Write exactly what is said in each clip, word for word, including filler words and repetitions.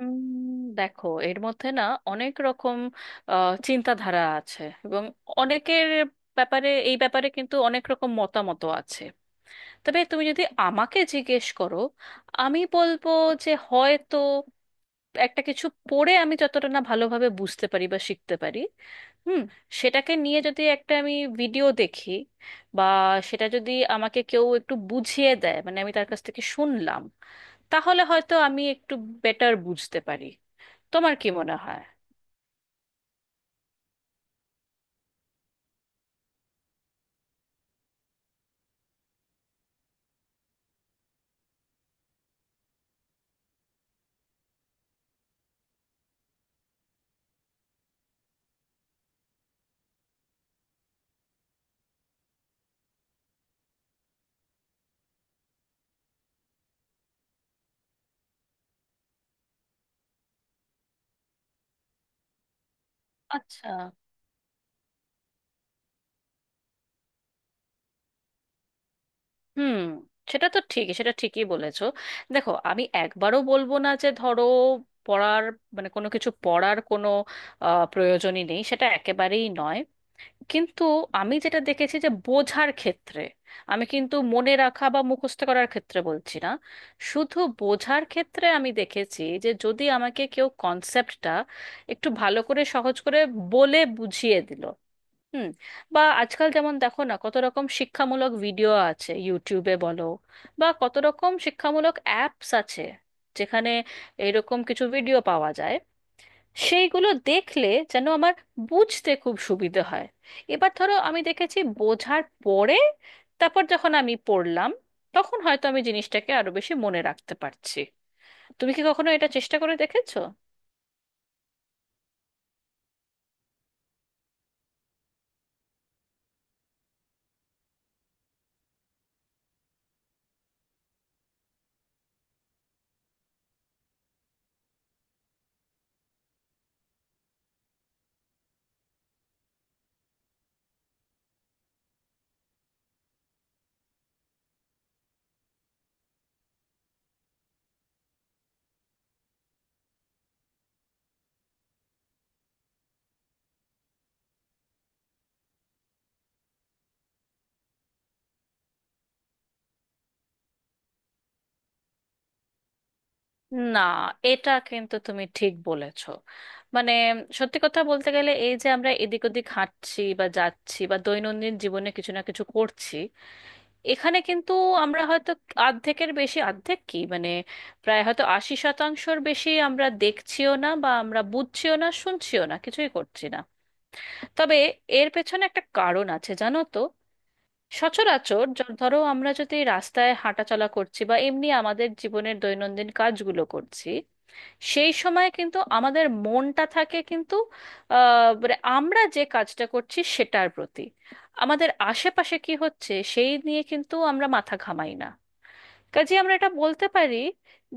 উম, দেখো এর মধ্যে না অনেক রকম আহ, চিন্তাধারা আছে, এবং অনেকের ব্যাপারে এই ব্যাপারে কিন্তু অনেক রকম মতামত আছে। তবে তুমি যদি আমাকে জিজ্ঞেস করো, আমি বলবো যে হয়তো একটা কিছু পড়ে আমি যতটা না ভালোভাবে বুঝতে পারি বা শিখতে পারি, হুম, সেটাকে নিয়ে যদি একটা আমি ভিডিও দেখি, বা সেটা যদি আমাকে কেউ একটু বুঝিয়ে দেয়, মানে আমি তার কাছ থেকে শুনলাম, তাহলে হয়তো আমি একটু বেটার বুঝতে পারি। তোমার কি মনে হয়? আচ্ছা। হুম। সেটা তো ঠিকই, সেটা ঠিকই বলেছো। দেখো, আমি একবারও বলবো না যে ধরো পড়ার মানে কোনো কিছু পড়ার কোনো আহ, প্রয়োজনই নেই, সেটা একেবারেই নয়। কিন্তু আমি যেটা দেখেছি যে বোঝার ক্ষেত্রে, আমি কিন্তু মনে রাখা বা মুখস্থ করার ক্ষেত্রে বলছি না, শুধু বোঝার ক্ষেত্রে আমি দেখেছি যে যদি আমাকে কেউ কনসেপ্টটা একটু ভালো করে সহজ করে বলে বুঝিয়ে দিল, হুম, বা আজকাল যেমন দেখো না কত রকম শিক্ষামূলক ভিডিও আছে ইউটিউবে বলো, বা কত রকম শিক্ষামূলক অ্যাপস আছে যেখানে এরকম কিছু ভিডিও পাওয়া যায়, সেইগুলো দেখলে যেন আমার বুঝতে খুব সুবিধে হয়। এবার ধরো আমি দেখেছি, বোঝার পরে তারপর যখন আমি পড়লাম, তখন হয়তো আমি জিনিসটাকে আরো বেশি মনে রাখতে পারছি। তুমি কি কখনো এটা চেষ্টা করে দেখেছো? না, এটা কিন্তু তুমি ঠিক বলেছো। মানে সত্যি কথা বলতে গেলে, এই যে আমরা এদিক ওদিক হাঁটছি বা যাচ্ছি বা দৈনন্দিন জীবনে কিছু না কিছু করছি, এখানে কিন্তু আমরা হয়তো অর্ধেকের বেশি, অর্ধেক কি মানে, প্রায় হয়তো আশি শতাংশর বেশি আমরা দেখছিও না, বা আমরা বুঝছিও না, শুনছিও না, কিছুই করছি না। তবে এর পেছনে একটা কারণ আছে, জানো তো। সচরাচর য- ধরো আমরা যদি রাস্তায় হাঁটাচলা করছি বা এমনি আমাদের জীবনের দৈনন্দিন কাজগুলো করছি, সেই সময় কিন্তু আমাদের মনটা থাকে কিন্তু আহ, মানে আমরা যে কাজটা করছি সেটার প্রতি। আমাদের আশেপাশে কি হচ্ছে সেই নিয়ে কিন্তু আমরা মাথা ঘামাই না। কাজে আমরা এটা বলতে পারি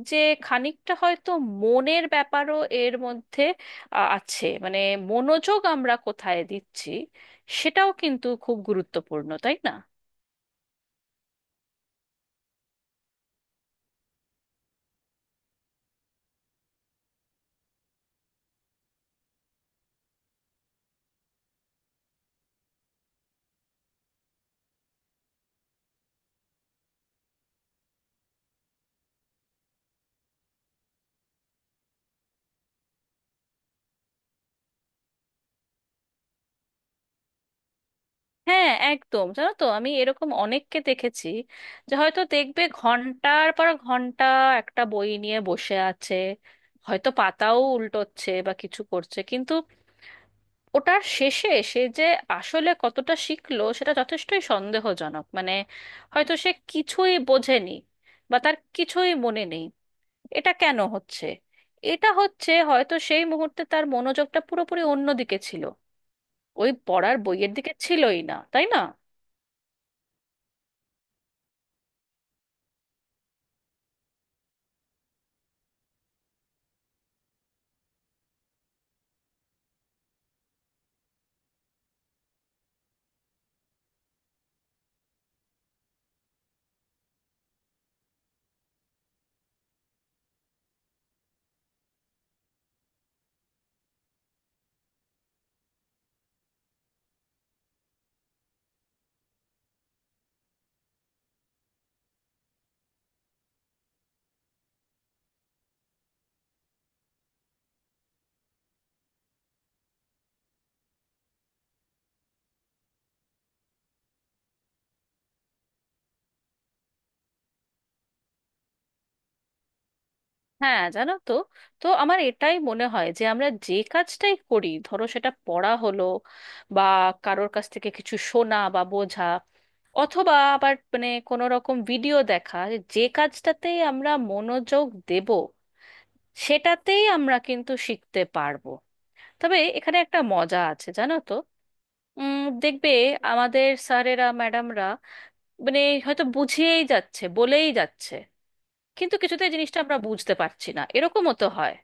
যে খানিকটা হয়তো মনের ব্যাপারও এর মধ্যে আ- আছে। মানে মনোযোগ আমরা কোথায় দিচ্ছি সেটাও কিন্তু খুব গুরুত্বপূর্ণ, তাই না? হ্যাঁ, একদম। জানো তো, আমি এরকম অনেককে দেখেছি যে হয়তো দেখবে ঘন্টার পর ঘন্টা একটা বই নিয়ে বসে আছে, হয়তো পাতাও উল্টোচ্ছে বা কিছু করছে, কিন্তু ওটার শেষে সে যে আসলে কতটা শিখলো সেটা যথেষ্টই সন্দেহজনক। মানে হয়তো সে কিছুই বোঝেনি বা তার কিছুই মনে নেই। এটা কেন হচ্ছে? এটা হচ্ছে হয়তো সেই মুহূর্তে তার মনোযোগটা পুরোপুরি অন্যদিকে ছিল, ওই পড়ার বইয়ের দিকে ছিলই না, তাই না? হ্যাঁ, জানো তো, তো আমার এটাই মনে হয় যে আমরা যে কাজটাই করি, ধরো সেটা পড়া হলো, বা কারোর কাছ থেকে কিছু শোনা বা বোঝা, অথবা আবার মানে কোনো রকম ভিডিও দেখা, যে কাজটাতেই আমরা মনোযোগ দেব সেটাতেই আমরা কিন্তু শিখতে পারবো। তবে এখানে একটা মজা আছে, জানো তো। উম, দেখবে আমাদের স্যারেরা ম্যাডামরা মানে হয়তো বুঝিয়েই যাচ্ছে, বলেই যাচ্ছে, কিন্তু কিছুতেই জিনিসটা আমরা বুঝতে পারছি না, এরকমও তো হয়।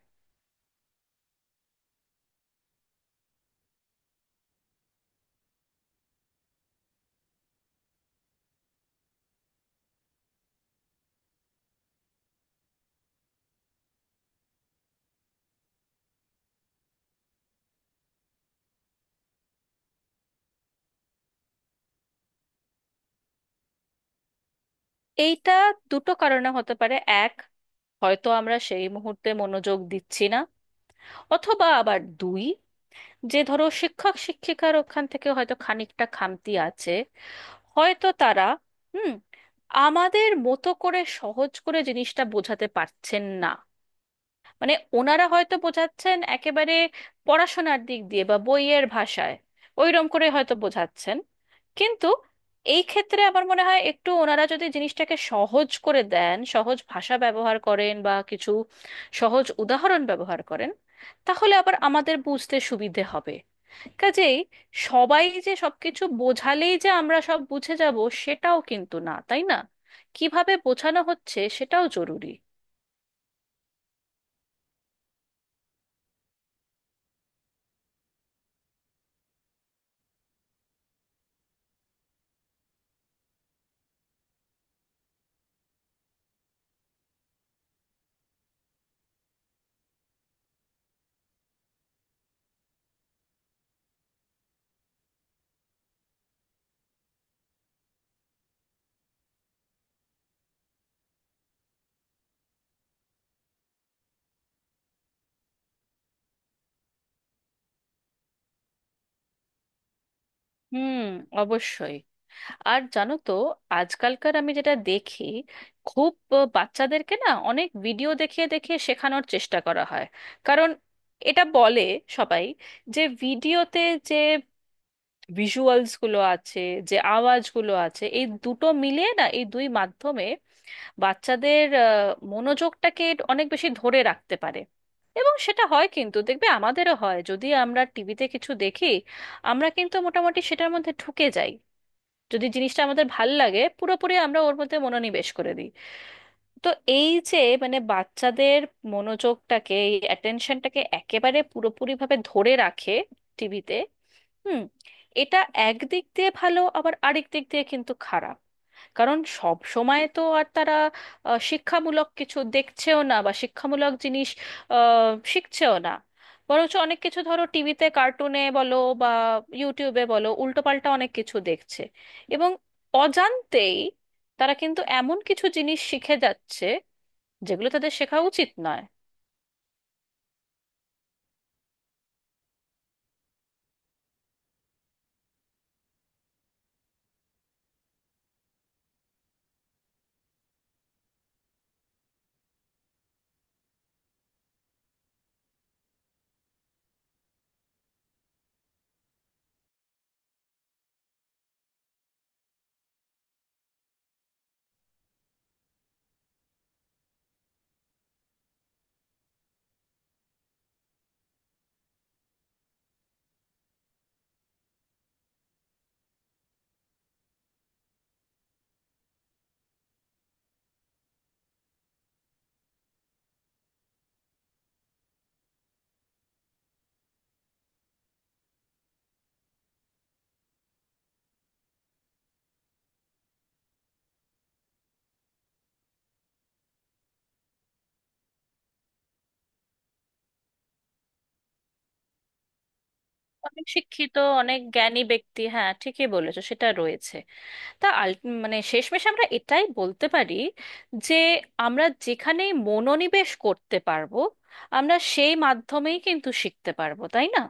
এইটা দুটো কারণে হতে পারে। এক, হয়তো আমরা সেই মুহূর্তে মনোযোগ দিচ্ছি না। অথবা আবার দুই, যে ধরো শিক্ষক শিক্ষিকার ওখান থেকে হয়তো খানিকটা খামতি আছে, হয়তো তারা, হুম, আমাদের মতো করে সহজ করে জিনিসটা বোঝাতে পারছেন না। মানে ওনারা হয়তো বোঝাচ্ছেন একেবারে পড়াশোনার দিক দিয়ে বা বইয়ের ভাষায়, ওইরকম করে হয়তো বোঝাচ্ছেন। কিন্তু এই ক্ষেত্রে আমার মনে হয় একটু ওনারা যদি জিনিসটাকে সহজ করে দেন, সহজ ভাষা ব্যবহার করেন বা কিছু সহজ উদাহরণ ব্যবহার করেন, তাহলে আবার আমাদের বুঝতে সুবিধে হবে। কাজেই সবাই যে সবকিছু বোঝালেই যে আমরা সব বুঝে যাব, সেটাও কিন্তু না, তাই না? কিভাবে বোঝানো হচ্ছে সেটাও জরুরি। হুম, অবশ্যই। আর জানো তো, আজকালকার আমি যেটা দেখি, খুব আহ, বাচ্চাদেরকে না অনেক ভিডিও দেখিয়ে দেখিয়ে শেখানোর চেষ্টা করা হয়। কারণ এটা বলে সবাই যে ভিডিওতে যে ভিজুয়ালস গুলো আছে, যে আওয়াজগুলো আছে, এই দুটো মিলিয়ে না, এই দুই মাধ্যমে বাচ্চাদের আহ, মনোযোগটাকে অনেক বেশি ধরে রাখতে পারে। এবং সেটা হয় কিন্তু, দেখবে আমাদেরও হয়, যদি আমরা টিভিতে কিছু দেখি আমরা কিন্তু মোটামুটি সেটার মধ্যে ঢুকে যাই। যদি জিনিসটা আমাদের ভাল লাগে পুরোপুরি আমরা ওর মধ্যে মনোনিবেশ করে দিই। তো এই যে মানে বাচ্চাদের মনোযোগটাকে, এই অ্যাটেনশনটাকে একেবারে পুরোপুরি ভাবে ধরে রাখে টিভিতে, হুম, এটা একদিক দিয়ে ভালো, আবার আরেক দিক দিয়ে কিন্তু খারাপ। কারণ সব সময় তো আর তারা আহ, শিক্ষামূলক কিছু দেখছেও না বা শিক্ষামূলক জিনিস আহ, শিখছেও না। বরঞ্চ অনেক কিছু, ধরো টিভিতে কার্টুনে বলো বা ইউটিউবে বলো, উল্টোপাল্টা অনেক কিছু দেখছে, এবং অজান্তেই তারা কিন্তু এমন কিছু জিনিস শিখে যাচ্ছে যেগুলো তাদের শেখা উচিত নয়। অনেক শিক্ষিত, অনেক জ্ঞানী ব্যক্তি, হ্যাঁ ঠিকই বলেছো, সেটা রয়েছে। তা আল- মানে শেষমেশ আমরা এটাই বলতে পারি যে আমরা যেখানে মনোনিবেশ করতে পারবো, আমরা সেই মাধ্যমেই কিন্তু শিখতে পারবো, তাই না?